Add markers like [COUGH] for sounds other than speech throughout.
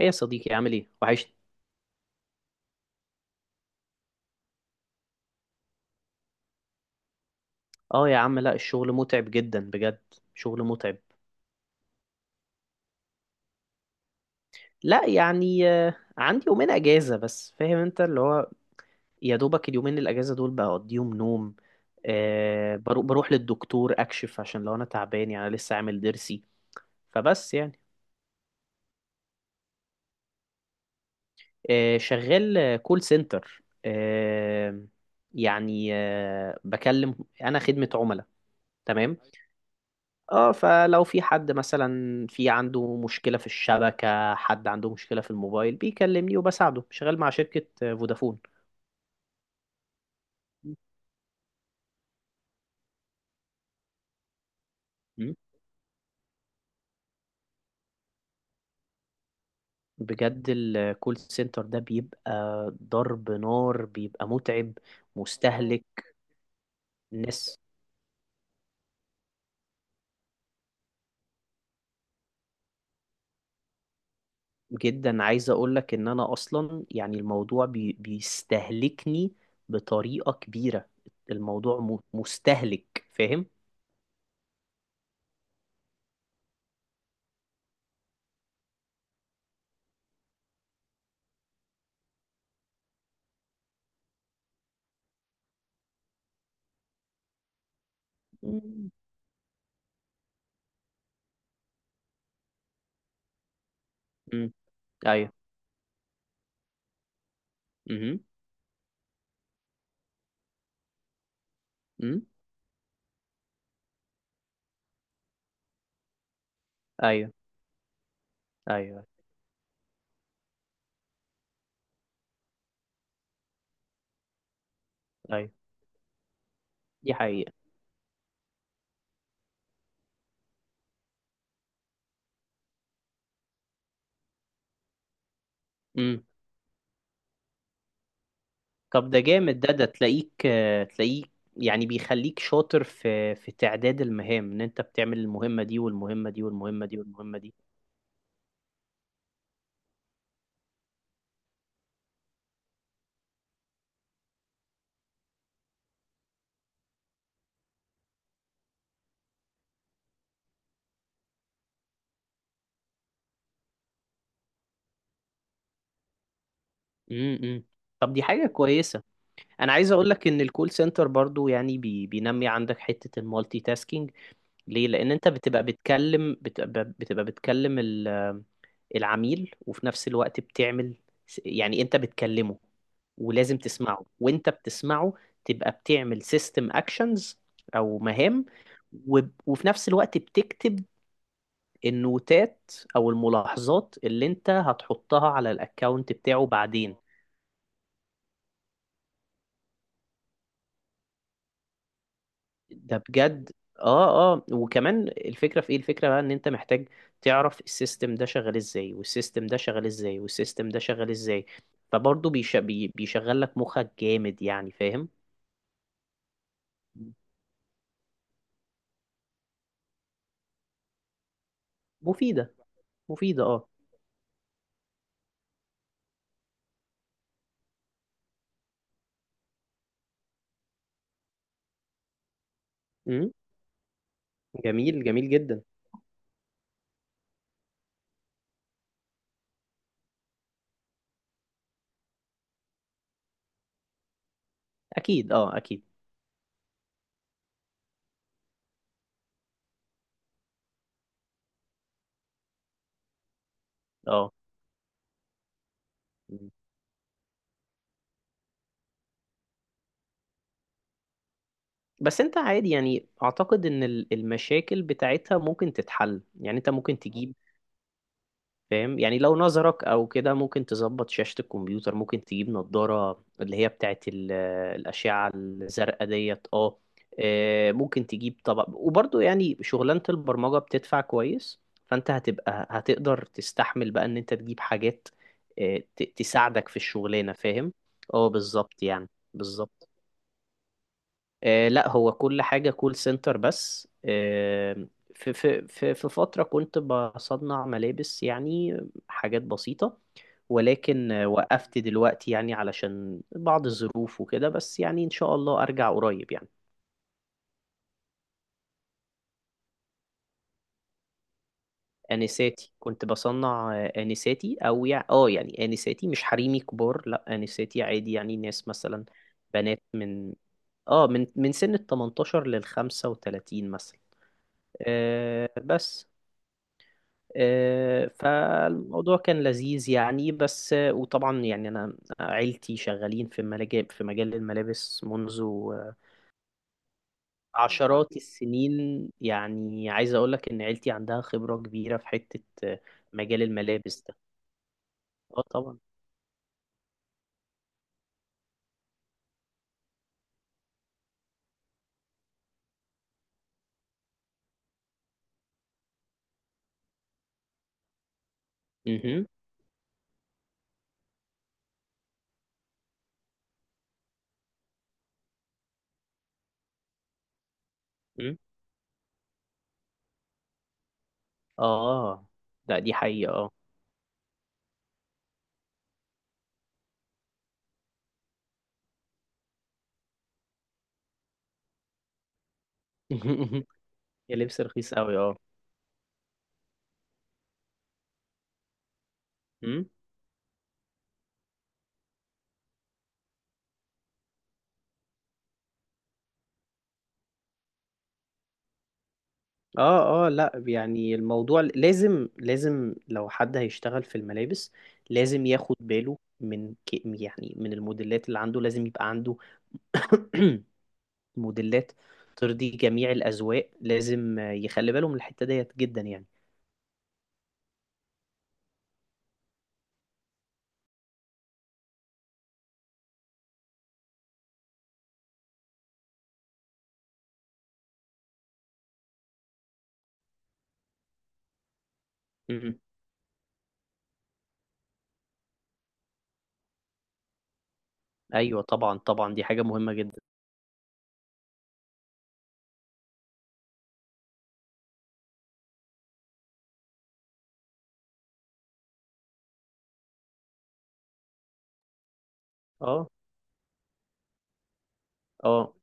ايه يا صديقي، عامل ايه؟ وحشني. اه يا عم، لا الشغل متعب جدا بجد. شغل متعب. لا، يعني عندي يومين اجازة، بس فاهم انت اللي هو. يا دوبك اليومين الاجازة دول بقضيهم نوم. بروح للدكتور اكشف، عشان لو انا تعبان، يعني أنا لسه عامل ضرسي. فبس يعني. شغال، كول سنتر. يعني بكلم. انا خدمة عملاء. تمام. اه، فلو في حد مثلا، في عنده مشكلة في الشبكة، حد عنده مشكلة في الموبايل، بيكلمني وبساعده. شغال مع شركة فودافون. مم. بجد الكول سنتر ده بيبقى ضرب نار، بيبقى متعب، مستهلك ناس جدا. عايز اقولك ان انا اصلا يعني الموضوع بيستهلكني بطريقة كبيرة. الموضوع مستهلك، فاهم؟ مم. امم. ايوه. امم. ايوه، ايوه، ايوه، دي حقيقة. امم. طب ده جامد، ده تلاقيك يعني بيخليك شاطر في تعداد المهام، ان انت بتعمل المهمة دي والمهمة دي والمهمة دي والمهمة دي. امم. طب دي حاجة كويسة. انا عايز اقول لك ان الكول سنتر برضو يعني بينمي عندك حتة المالتي تاسكينج. ليه؟ لان انت بتبقى بتكلم، بتبقى بتكلم العميل، وفي نفس الوقت بتعمل يعني انت بتكلمه ولازم تسمعه، وانت بتسمعه تبقى بتعمل سيستم اكشنز او مهام، و- وفي نفس الوقت بتكتب النوتات او الملاحظات اللي انت هتحطها على الاكونت بتاعه بعدين. ده بجد. اه، اه، وكمان الفكره في ايه؟ الفكره بقى ان انت محتاج تعرف السيستم ده شغال ازاي والسيستم ده شغال ازاي والسيستم ده شغال ازاي. فبرضه بيشغل لك مخك جامد، يعني فاهم. مفيده. مفيده، اه. امم. جميل، جميل جدا. اكيد، اه، اكيد. اه. مم. بس انت عادي، يعني اعتقد ان المشاكل بتاعتها ممكن تتحل، يعني انت ممكن تجيب. فاهم؟ يعني لو نظرك او كده، ممكن تظبط شاشة الكمبيوتر، ممكن تجيب نظارة اللي هي بتاعت الأشعة الزرقاء ديت، اه. ممكن تجيب طبعا، وبرضه يعني شغلانة البرمجة بتدفع كويس، فانت هتقدر تستحمل بقى ان انت تجيب حاجات تساعدك في الشغلانة، فاهم. اه، بالظبط، يعني بالظبط. لا، هو كل حاجة كول سنتر، بس في فترة كنت بصنع ملابس، يعني حاجات بسيطة. ولكن وقفت دلوقتي، يعني علشان بعض الظروف وكده، بس يعني إن شاء الله أرجع قريب، يعني. آنساتي كنت بصنع، آنساتي، أو يعني يعني آنساتي مش حريمي كبار، لأ آنساتي عادي، يعني ناس مثلا بنات من من سن ال 18 لل 35 مثلا. بس فالموضوع كان لذيذ، يعني بس وطبعا يعني انا عيلتي شغالين في ملاجئ في مجال الملابس، منذ عشرات السنين. يعني عايز اقول لك ان عيلتي عندها خبرة كبيرة في حتة مجال الملابس ده. اه طبعا. مهم. مم. اه. لا، دي حقيقة، اه. [LAUGHS] يا لبس رخيص قوي، اه. مم. اه، اه، لا يعني الموضوع لازم، لازم لو حد هيشتغل في الملابس لازم ياخد باله من يعني من الموديلات اللي عنده، لازم يبقى عنده [CLEARS THROAT] موديلات ترضي جميع الأذواق، لازم يخلي باله من الحتة ديت جدا، يعني. ايوه طبعا، طبعا دي حاجه مهمه جدا. اه، اه،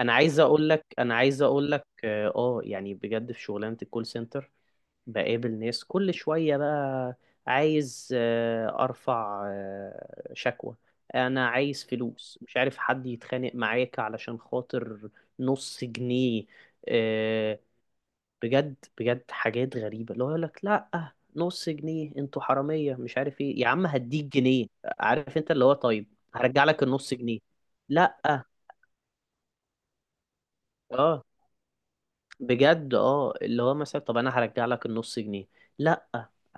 انا عايز اقول لك اه، يعني بجد في شغلانه الكول سنتر بقابل ناس كل شويه بقى. عايز ارفع شكوى، انا عايز فلوس، مش عارف حد يتخانق معاك علشان خاطر نص جنيه. آه، بجد، بجد حاجات غريبة، اللي هو يقول لك لا نص جنيه، انتوا حرامية مش عارف ايه، يا عم هديك جنيه. عارف انت، اللي هو طيب هرجع لك النص جنيه. لا. اه، بجد، اه، اللي هو مثلا طب انا هرجع لك النص جنيه. لا،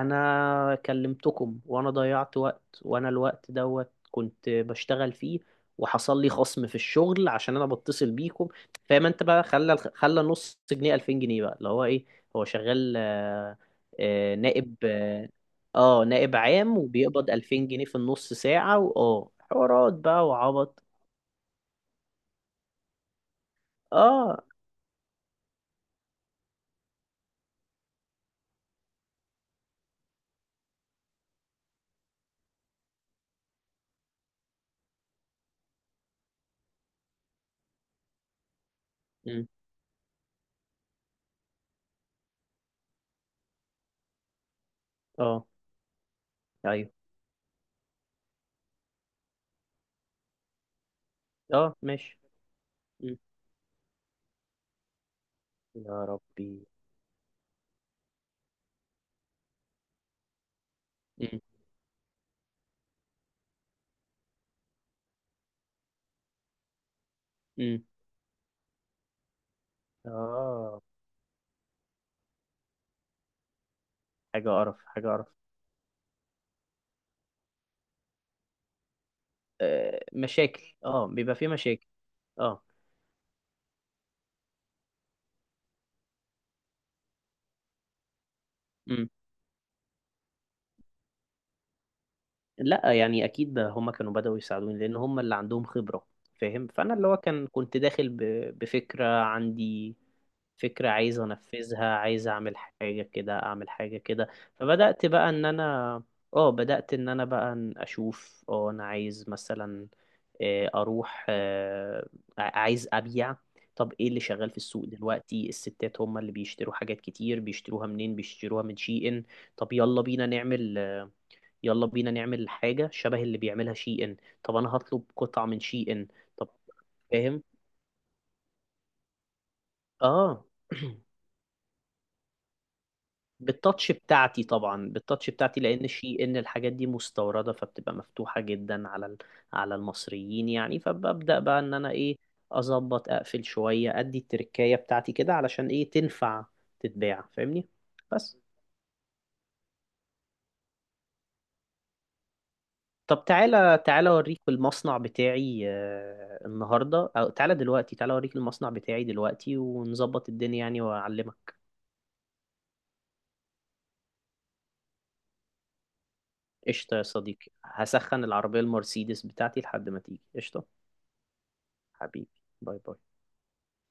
انا كلمتكم وانا ضيعت وقت، وانا الوقت دوت كنت بشتغل فيه، وحصل لي خصم في الشغل عشان انا بتصل بيكم. فاهم انت بقى، خلى نص جنيه 2000 جنيه بقى، اللي هو ايه. هو شغال، نائب، اه، نائب عام، وبيقبض 2000 جنيه في النص ساعة، واه حوارات بقى وعبط. اه. أمم. اه. ايوه. اه، ماشي. أمم. يا ربي. مم. مم. اه. حاجة قرف، حاجة قرف. مشاكل، اه، بيبقى في مشاكل. اه. مم. لا، يعني اكيد هم كانوا بدأوا يساعدوني، لان هم اللي عندهم خبرة. فاهم. فانا اللي هو كنت داخل بفكرة عندي، فكرة عايز انفذها، عايز اعمل حاجة كده، اعمل حاجة كده. فبدأت بقى ان انا، اه بدأت ان انا بقى اشوف، اه انا عايز مثلا اروح، عايز ابيع. طب ايه اللي شغال في السوق دلوقتي؟ الستات هم اللي بيشتروا حاجات كتير، بيشتروها منين؟ بيشتروها من شي ان. طب يلا بينا نعمل حاجة شبه اللي بيعملها شي ان. طب انا هطلب قطعة من شي ان. طب، فاهم، اه. [CLEARS THROAT] بالتاتش بتاعتي طبعا، بالتاتش بتاعتي، لان شي ان الحاجات دي مستورده، فبتبقى مفتوحه جدا على على المصريين يعني، فببدا بقى ان انا ايه، اظبط اقفل شويه ادي التركايه بتاعتي كده، علشان ايه تنفع تتباع، فاهمني. بس طب، تعالى تعالى اوريك المصنع بتاعي، النهارده او تعالى دلوقتي، تعالى اوريك المصنع بتاعي دلوقتي، ونظبط الدنيا يعني واعلمك. قشطه يا صديقي، هسخن العربيه المرسيدس بتاعتي لحد ما تيجي. قشطه. حبيبي. باي باي.